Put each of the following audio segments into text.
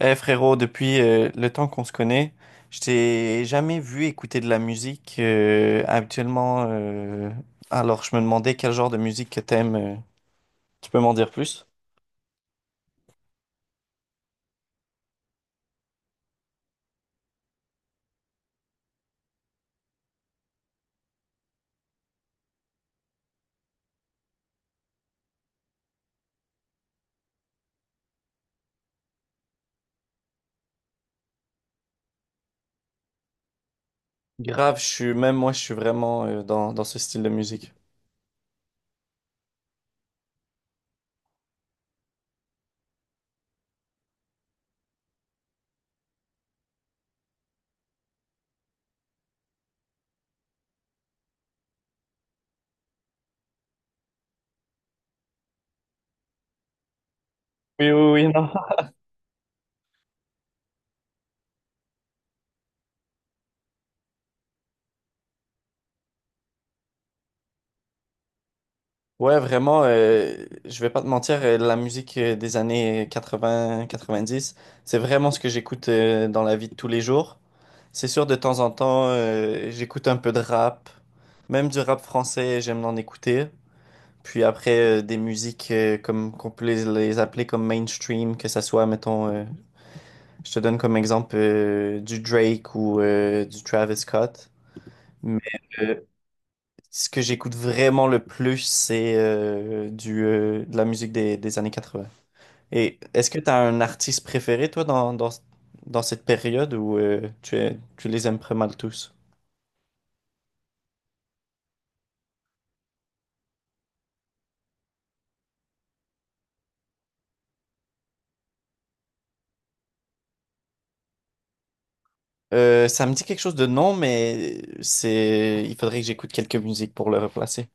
Eh frérot, depuis le temps qu'on se connaît, je t'ai jamais vu écouter de la musique habituellement. Alors je me demandais quel genre de musique que t'aimes. Tu peux m'en dire plus? Grave, je suis même moi, je suis vraiment dans ce style de musique. Oui, oui, oui, non. Ouais, vraiment, je vais pas te mentir, la musique des années 80, 90, c'est vraiment ce que j'écoute dans la vie de tous les jours. C'est sûr, de temps en temps, j'écoute un peu de rap. Même du rap français, j'aime en écouter. Puis après, des musiques comme qu'on peut les appeler comme mainstream, que ça soit, mettons, je te donne comme exemple du Drake ou du Travis Scott. Mais euh, ce que j'écoute vraiment le plus, c'est de la musique des années 80. Et est-ce que tu as un artiste préféré, toi, dans cette période ou tu les aimes pas mal tous? Ça me dit quelque chose de non, mais c'est, il faudrait que j'écoute quelques musiques pour le replacer.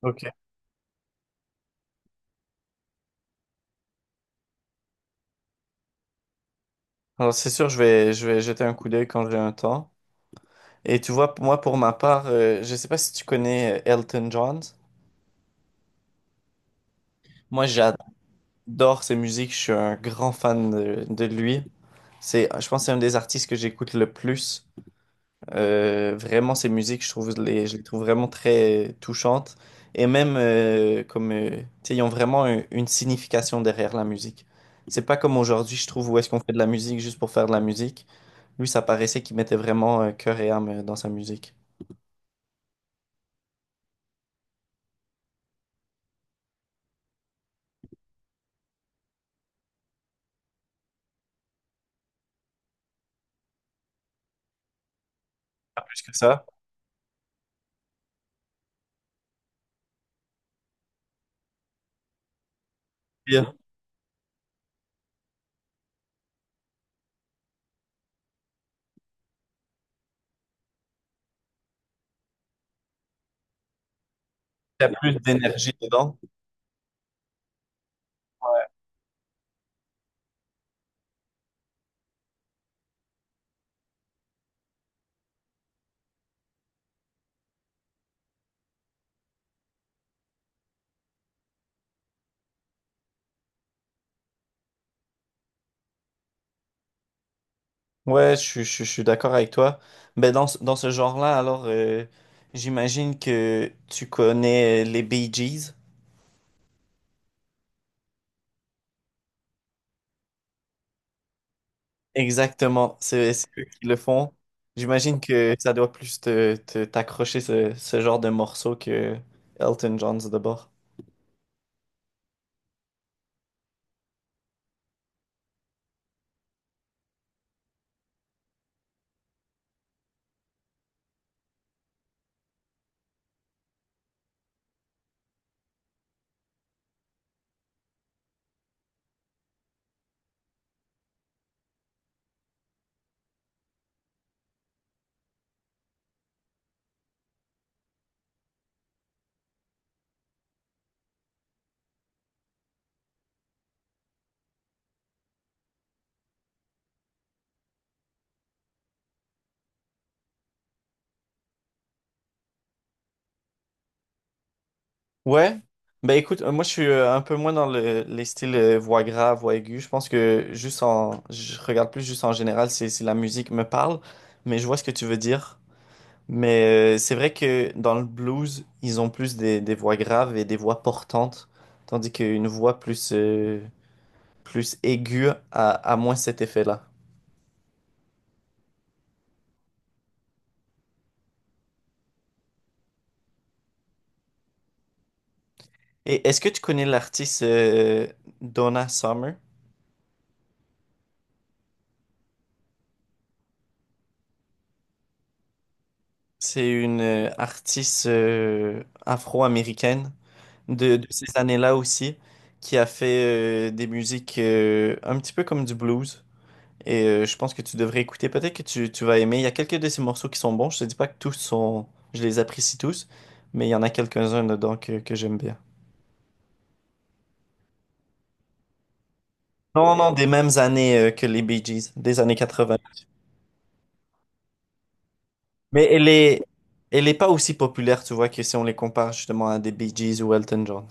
Ok. Alors c'est sûr, je vais jeter un coup d'œil quand j'ai un temps. Et tu vois, moi pour ma part, je sais pas si tu connais Elton John. Moi j'adore ses musiques, je suis un grand fan de lui. C'est, je pense que c'est un des artistes que j'écoute le plus. Vraiment, ces musiques, je trouve, je les trouve vraiment très touchantes. Et même, tu sais, ils ont vraiment une signification derrière la musique. C'est pas comme aujourd'hui, je trouve, où est-ce qu'on fait de la musique juste pour faire de la musique. Lui, ça paraissait qu'il mettait vraiment cœur et âme dans sa musique. Plus que ça. Il y a il y a plus d'énergie dedans. Ouais, je suis d'accord avec toi. Mais dans ce genre-là, j'imagine que tu connais les Bee Gees. Exactement, c'est eux qui le font. J'imagine que ça doit plus t'accrocher ce genre de morceau que Elton John's d'abord. Ouais, ben écoute, moi je suis un peu moins dans les styles voix grave, voix aiguë. Je pense que je regarde plus juste en général si la musique me parle, mais je vois ce que tu veux dire. Mais c'est vrai que dans le blues, ils ont plus des voix graves et des voix portantes, tandis qu'une voix plus aiguë a moins cet effet-là. Et est-ce que tu connais l'artiste Donna Summer? C'est une artiste afro-américaine de ces années-là aussi qui a fait des musiques un petit peu comme du blues. Et je pense que tu devrais écouter. Peut-être que tu vas aimer. Il y a quelques de ces morceaux qui sont bons. Je te dis pas que tous sont... Je les apprécie tous, mais il y en a quelques-uns dedans que j'aime bien. Non, non, des mêmes années que les Bee Gees, des années 80. Mais elle est pas aussi populaire, tu vois, que si on les compare justement à des Bee Gees ou Elton John.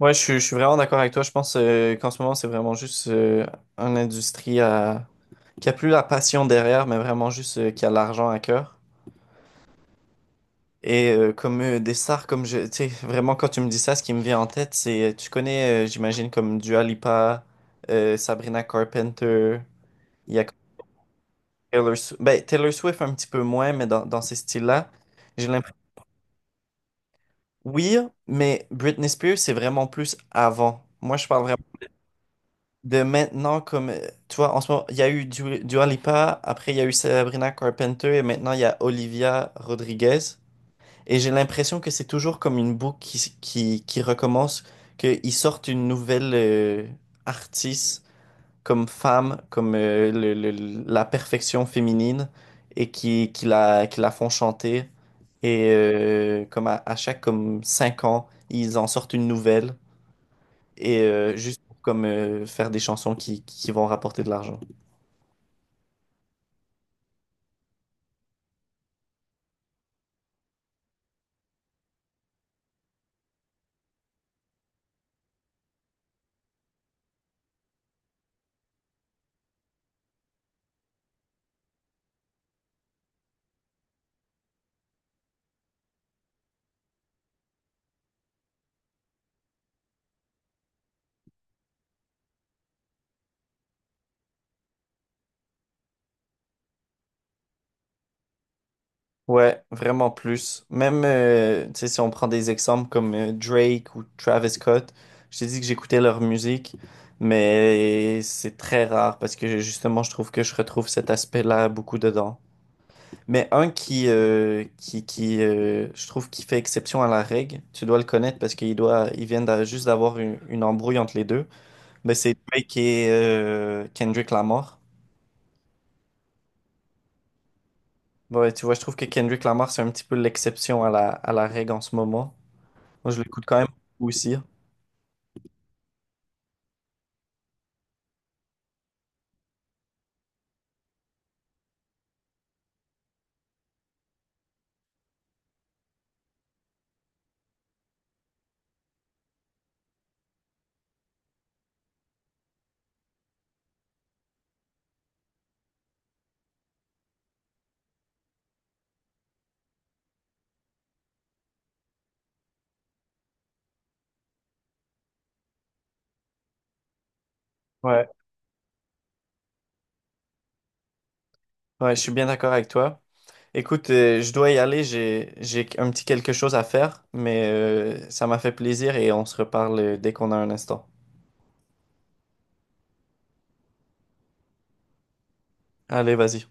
Ouais, je suis vraiment d'accord avec toi. Je pense qu'en ce moment, c'est vraiment juste une industrie qui a plus la passion derrière, mais vraiment juste qui a l'argent à cœur. Et comme des stars, tu sais, vraiment quand tu me dis ça, ce qui me vient en tête, c'est, tu connais, j'imagine, comme Dua Lipa, Sabrina Carpenter, il y a comme Taylor, Swift, ben, Taylor Swift un petit peu moins, mais dans ces styles-là, j'ai Oui, mais Britney Spears, c'est vraiment plus avant. Moi, je parle vraiment de maintenant comme, tu vois, en ce moment, il y a eu Dua Lipa, après il y a eu Sabrina Carpenter et maintenant il y a Olivia Rodriguez. Et j'ai l'impression que c'est toujours comme une boucle qui, qui recommence, qu'ils sortent une nouvelle artiste comme femme, comme la perfection féminine et qui la font chanter. Et comme à chaque comme cinq ans, ils en sortent une nouvelle et juste pour comme faire des chansons qui vont rapporter de l'argent. Ouais, vraiment plus. Même tu sais, si on prend des exemples comme Drake ou Travis Scott, je t'ai dit que j'écoutais leur musique, mais c'est très rare parce que justement, je trouve que je retrouve cet aspect-là beaucoup dedans. Mais un qui je trouve, qui fait exception à la règle, tu dois le connaître parce qu'il doit, il vient juste d'avoir une embrouille entre les deux. Mais c'est lui qui est Kendrick Lamar. Ouais, tu vois, je trouve que Kendrick Lamar, c'est un petit peu l'exception à à la règle en ce moment. Moi, je l'écoute quand même beaucoup aussi. Ouais. Ouais, je suis bien d'accord avec toi. Écoute, je dois y aller, j'ai un petit quelque chose à faire, mais ça m'a fait plaisir et on se reparle dès qu'on a un instant. Allez, vas-y.